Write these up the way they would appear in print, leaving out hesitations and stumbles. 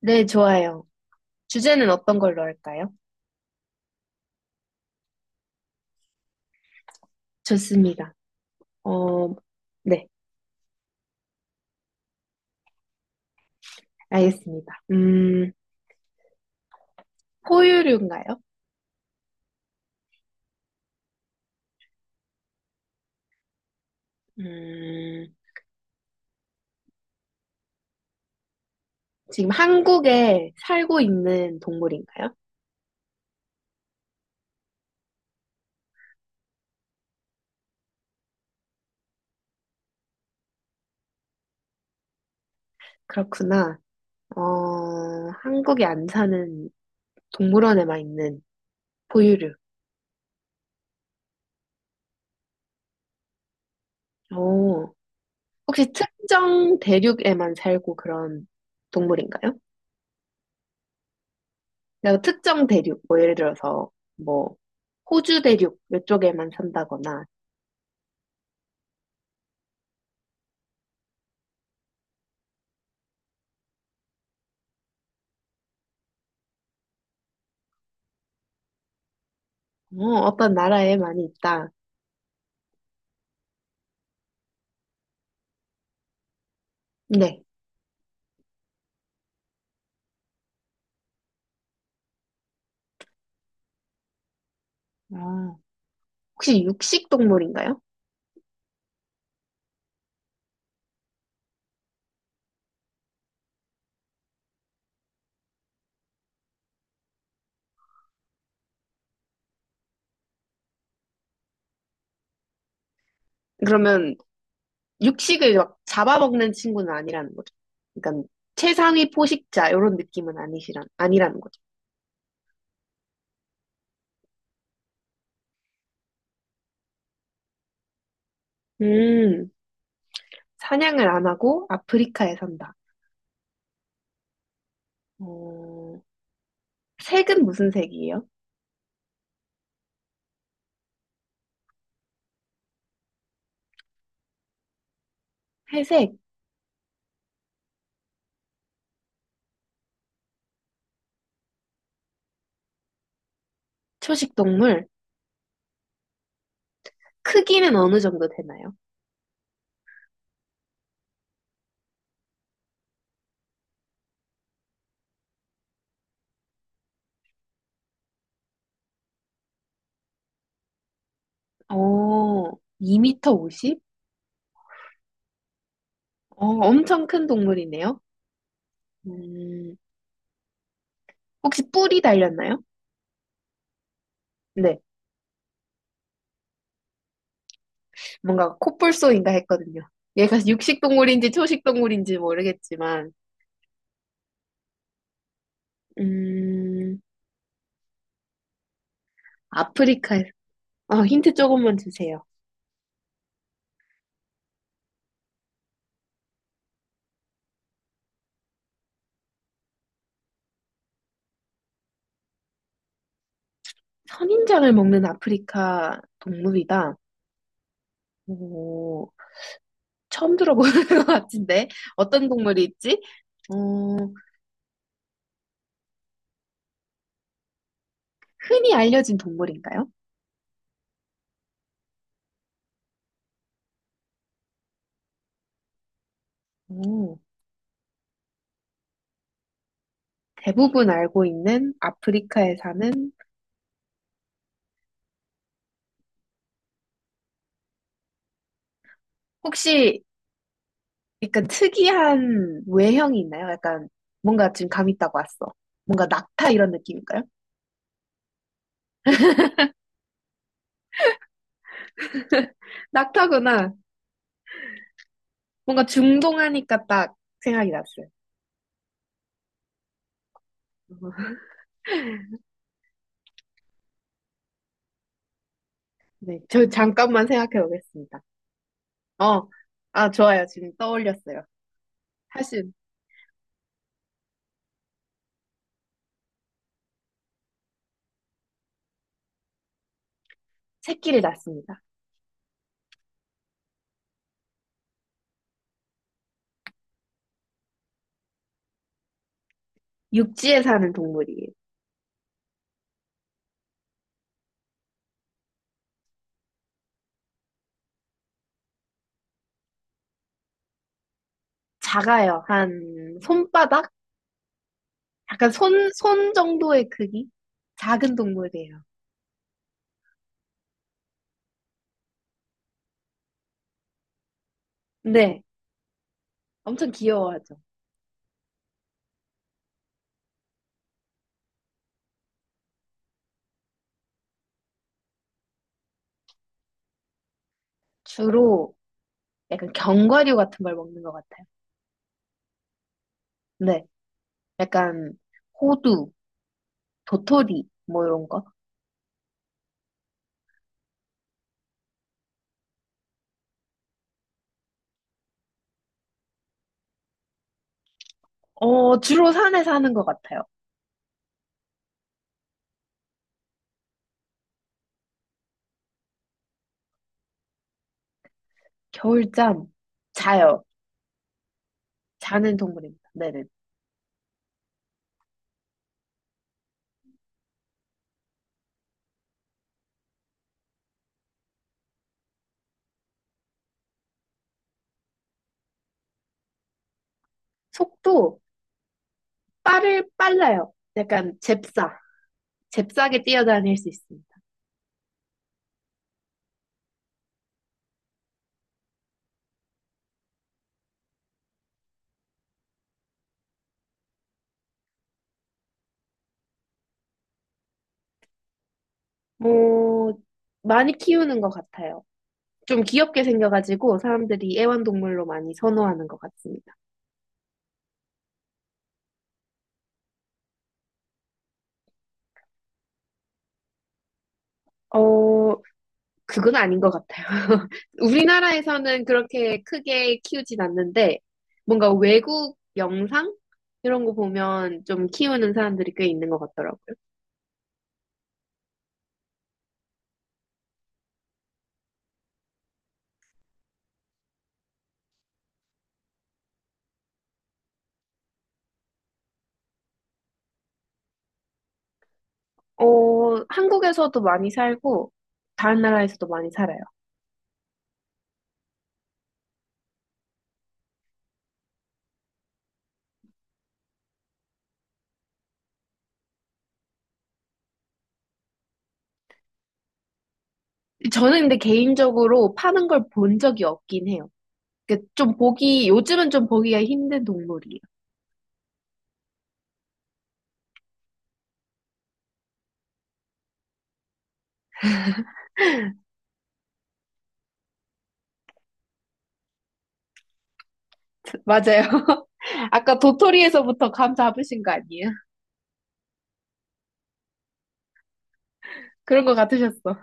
네, 좋아요. 주제는 어떤 걸로 할까요? 좋습니다. 어, 네, 알겠습니다. 포유류인가요? 음, 지금 한국에 살고 있는 동물인가요? 그렇구나. 어, 한국에 안 사는 동물원에만 있는 포유류. 오, 혹시 특정 대륙에만 살고 그런 동물인가요? 그러니까 특정 대륙, 예를 들어서 뭐 호주 대륙 이쪽에만 산다거나 어떤 나라에 많이 있다. 네. 아, 혹시 육식 동물인가요? 그러면 육식을 막 잡아먹는 친구는 아니라는 거죠. 그러니까 최상위 포식자 이런 느낌은 아니시란 아니라는 거죠. 음, 사냥을 안 하고 아프리카에 산다. 어, 색은 무슨 색이에요? 회색, 초식 동물. 크기는 어느 정도 되나요? 어, 2m 50? 어, 엄청 큰 동물이네요. 음, 혹시 뿔이 달렸나요? 네. 뭔가 콧불소인가 했거든요. 얘가 육식 동물인지 초식 동물인지 모르겠지만, 음, 아프리카에서, 아, 힌트 조금만 주세요. 선인장을 먹는 아프리카 동물이다. 오, 처음 들어보는 것 같은데, 어떤 동물이 있지? 어, 흔히 알려진 동물인가요? 오, 대부분 알고 있는 아프리카에 사는, 혹시 약간 특이한 외형이 있나요? 약간 뭔가 지금 감 있다고 왔어. 뭔가 낙타 이런 느낌인가요? 낙타구나. 뭔가 중동하니까 딱 생각이 났어요. 네, 저 잠깐만 생각해 보겠습니다. 어, 아, 좋아요. 지금 떠올렸어요. 사실 새끼를 낳습니다. 육지에 사는 동물이에요. 작아요. 한 손바닥? 약간 손 정도의 크기? 작은 동물이에요. 네, 엄청 귀여워하죠. 주로 약간 견과류 같은 걸 먹는 것 같아요. 네, 약간 호두, 도토리, 뭐 이런 거. 주로 산에 사는 것 같아요. 겨울잠 자요. 자는 동물입니다. 네네. 속도 빠를 빨라요. 약간 잽싸. 잽싸게 뛰어다닐 수 있습니다. 뭐 많이 키우는 것 같아요. 좀 귀엽게 생겨가지고 사람들이 애완동물로 많이 선호하는 것 같습니다. 어, 그건 아닌 것 같아요. 우리나라에서는 그렇게 크게 키우진 않는데 뭔가 외국 영상 이런 거 보면 좀 키우는 사람들이 꽤 있는 것 같더라고요. 어, 한국에서도 많이 살고, 다른 나라에서도 많이 살아요. 저는 근데 개인적으로 파는 걸 본 적이 없긴 해요. 요즘은 좀 보기가 힘든 동물이에요. 맞아요. 아까 도토리에서부터 감 잡으신 거 아니에요? 그런 거 같으셨어.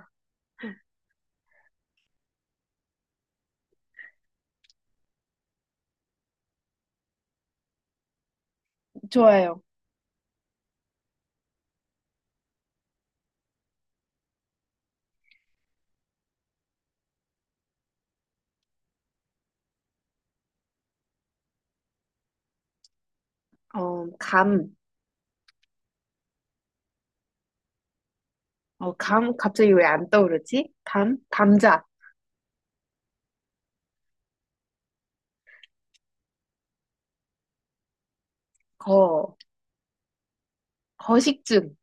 좋아요. 감. 감, 갑자기 왜 안 떠오르지? 감? 감자. 거. 거식증.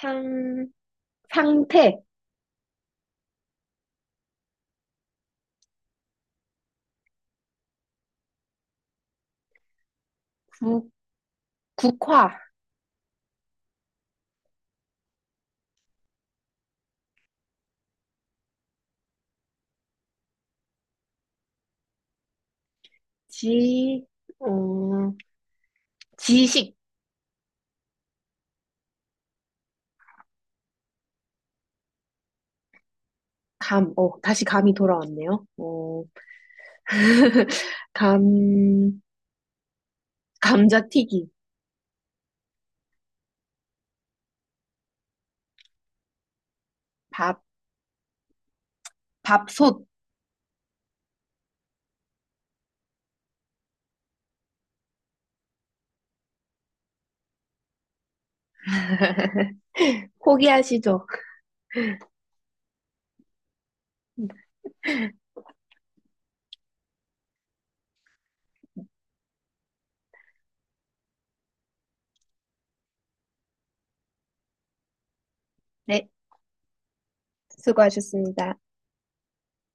상, 상태. 국, 국화. 지, 어, 지식. 감, 어, 다시 감이 돌아왔네요. 감, 감자튀김, 밥, 밥솥. 포기하시죠. 네, 수고하셨습니다.